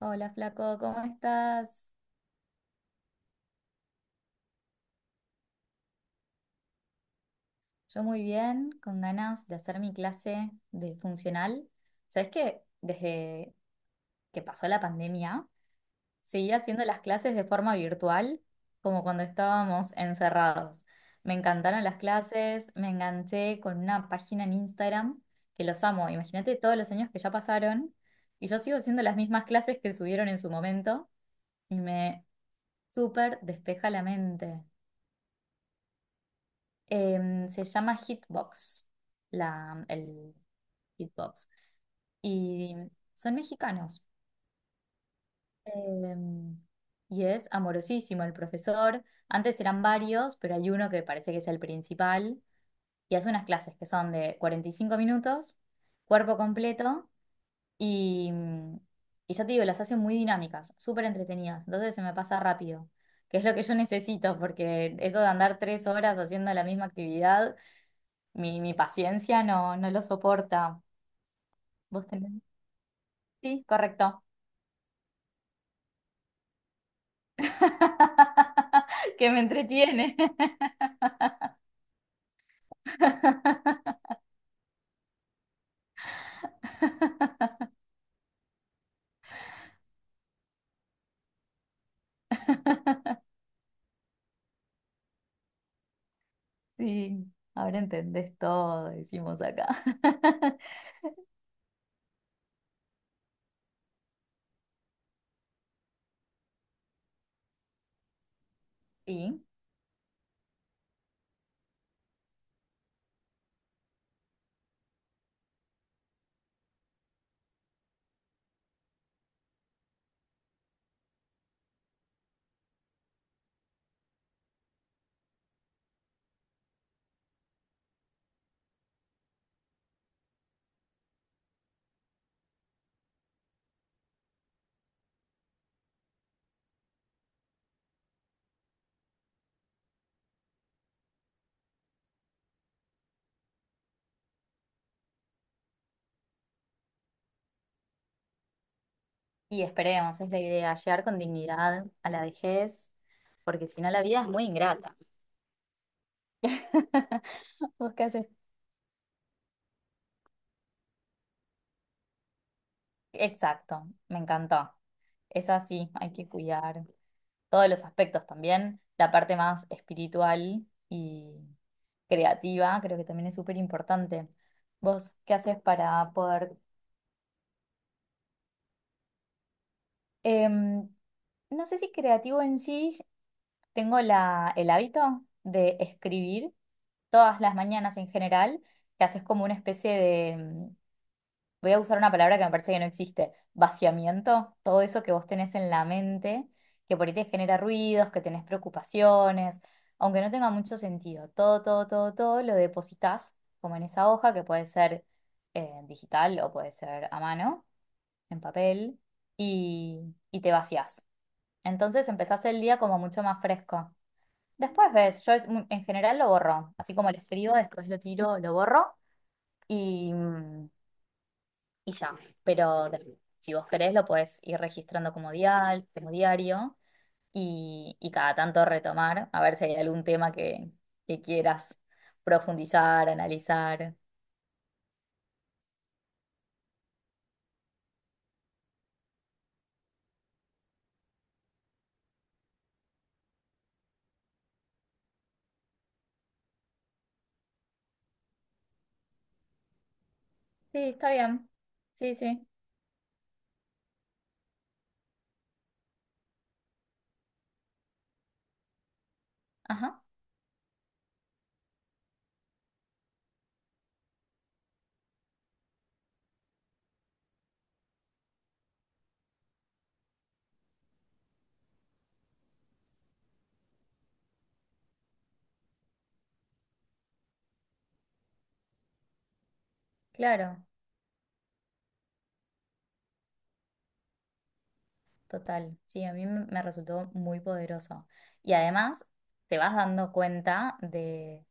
Hola Flaco, ¿cómo estás? Yo muy bien, con ganas de hacer mi clase de funcional. ¿Sabes que desde que pasó la pandemia, seguí haciendo las clases de forma virtual, como cuando estábamos encerrados? Me encantaron las clases, me enganché con una página en Instagram que los amo. Imagínate todos los años que ya pasaron y yo sigo haciendo las mismas clases que subieron en su momento y me súper despeja la mente. Se llama Hitbox, el Hitbox. Y son mexicanos. Em, y es amorosísimo el profesor. Antes eran varios, pero hay uno que parece que es el principal. Y hace unas clases que son de 45 minutos, cuerpo completo. Y, y ya te digo, las hace muy dinámicas, súper entretenidas. Entonces se me pasa rápido, que es lo que yo necesito, porque eso de andar 3 horas haciendo la misma actividad. Mi paciencia no, no lo soporta. ¿Vos tenés? Sí, correcto. Que me entretiene. Sí, ahora entendés todo, decimos acá. Sí, y esperemos, es la idea, llegar con dignidad a la vejez, porque si no la vida es muy ingrata. ¿Vos qué haces? Exacto, me encantó. Es así, hay que cuidar todos los aspectos también, la parte más espiritual y creativa, creo que también es súper importante. ¿Vos qué haces para poder em, no sé si creativo en sí, tengo el hábito de escribir todas las mañanas en general, que haces como una especie de, voy a usar una palabra que me parece que no existe, vaciamiento, todo eso que vos tenés en la mente, que por ahí te genera ruidos, que tenés preocupaciones, aunque no tenga mucho sentido, todo, todo, todo, todo lo depositas como en esa hoja que puede ser digital o puede ser a mano, en papel, y, y te vacías. Entonces empezás el día como mucho más fresco. Después ves, yo es en general lo borro, así como lo escribo, después lo tiro, lo borro y... mm, y ya. Pero si vos querés, lo podés ir registrando como diario y cada tanto retomar, a ver si hay algún tema que quieras profundizar, analizar. Sí, está bien. Sí, sí. Ajá, claro. Total. Sí, a mí me resultó muy poderoso. Y además te vas dando cuenta de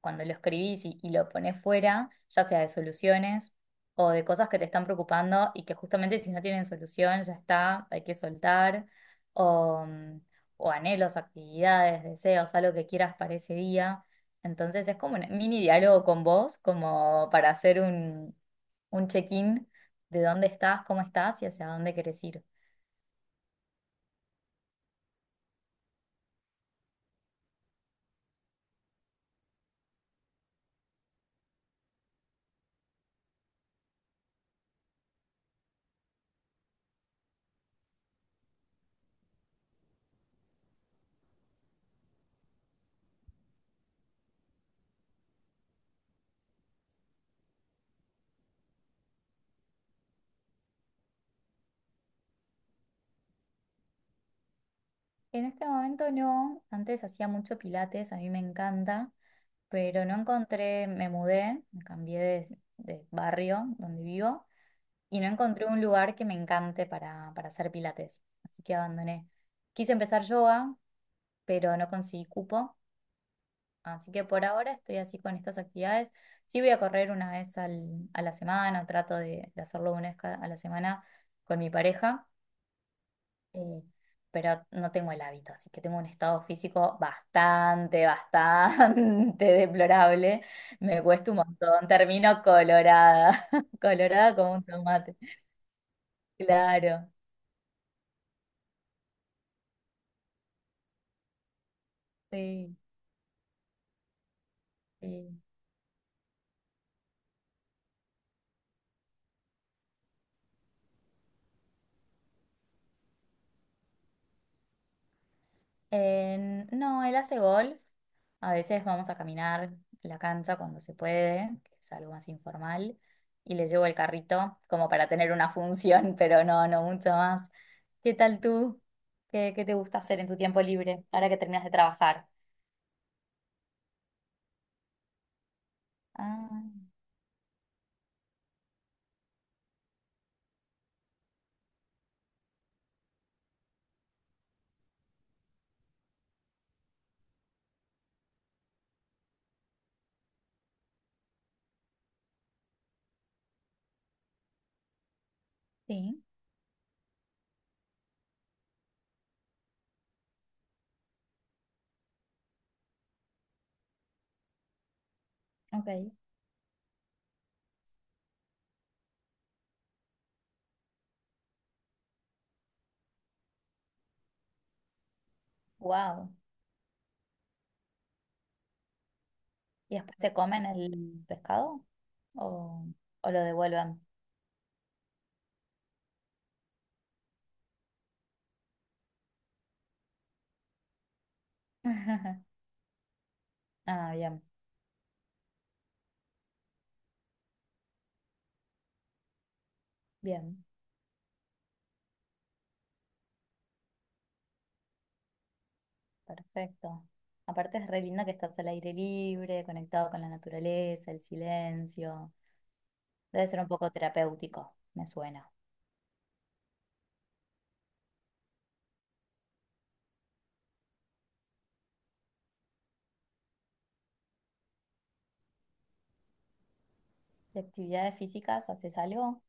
cuando lo escribís y lo pones fuera, ya sea de soluciones o de cosas que te están preocupando y que justamente si no tienen solución ya está, hay que soltar, o, mm, o anhelos, actividades, deseos, algo que quieras para ese día. Entonces es como un mini diálogo con vos, como para hacer un, check-in de dónde estás, cómo estás y hacia dónde querés ir. En este momento no, antes hacía mucho pilates, a mí me encanta, pero no encontré, me mudé, me cambié de barrio donde vivo y no encontré un lugar que me encante para hacer pilates, así que abandoné. Quise empezar yoga, pero no conseguí cupo, así que por ahora estoy así con estas actividades. Sí voy a correr una vez a la semana, o trato de hacerlo una vez a la semana con mi pareja, eh, pero no tengo el hábito, así que tengo un estado físico bastante, bastante deplorable. Me cuesta un montón, termino colorada, colorada como un tomate. Claro, sí, sí. No, él hace golf. A veces vamos a caminar la cancha cuando se puede, que es algo más informal. Y le llevo el carrito como para tener una función, pero no, no mucho más. ¿Qué tal tú? ¿Qué te gusta hacer en tu tiempo libre ahora que terminas de trabajar? Ah, sí, ok. Wow. ¿Y después se comen el pescado o, o lo devuelven? Ah, bien, bien. Perfecto. Aparte es re lindo que estás al aire libre, conectado con la naturaleza, el silencio. Debe ser un poco terapéutico, me suena. ¿De actividades físicas haces algo?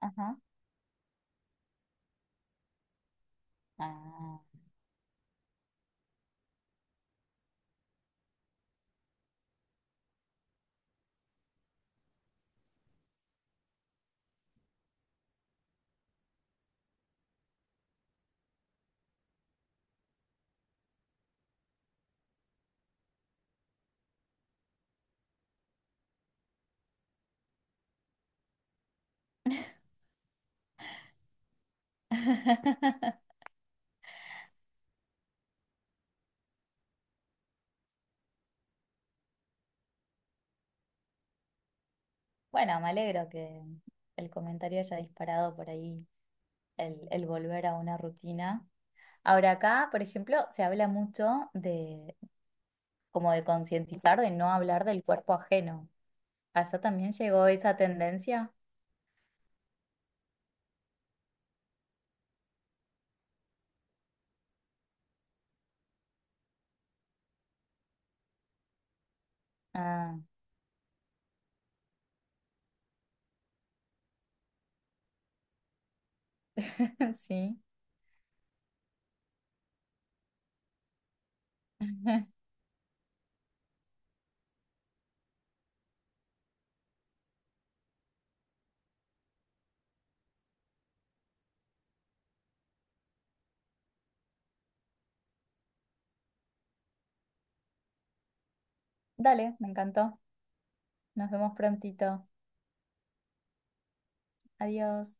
Ajá. Ah. Bueno, me alegro que el comentario haya disparado por ahí el volver a una rutina. Ahora acá, por ejemplo, se habla mucho de como de concientizar, de no hablar del cuerpo ajeno. ¿Allá también llegó esa tendencia? Ah, sí. Dale, me encantó. Nos vemos prontito. Adiós.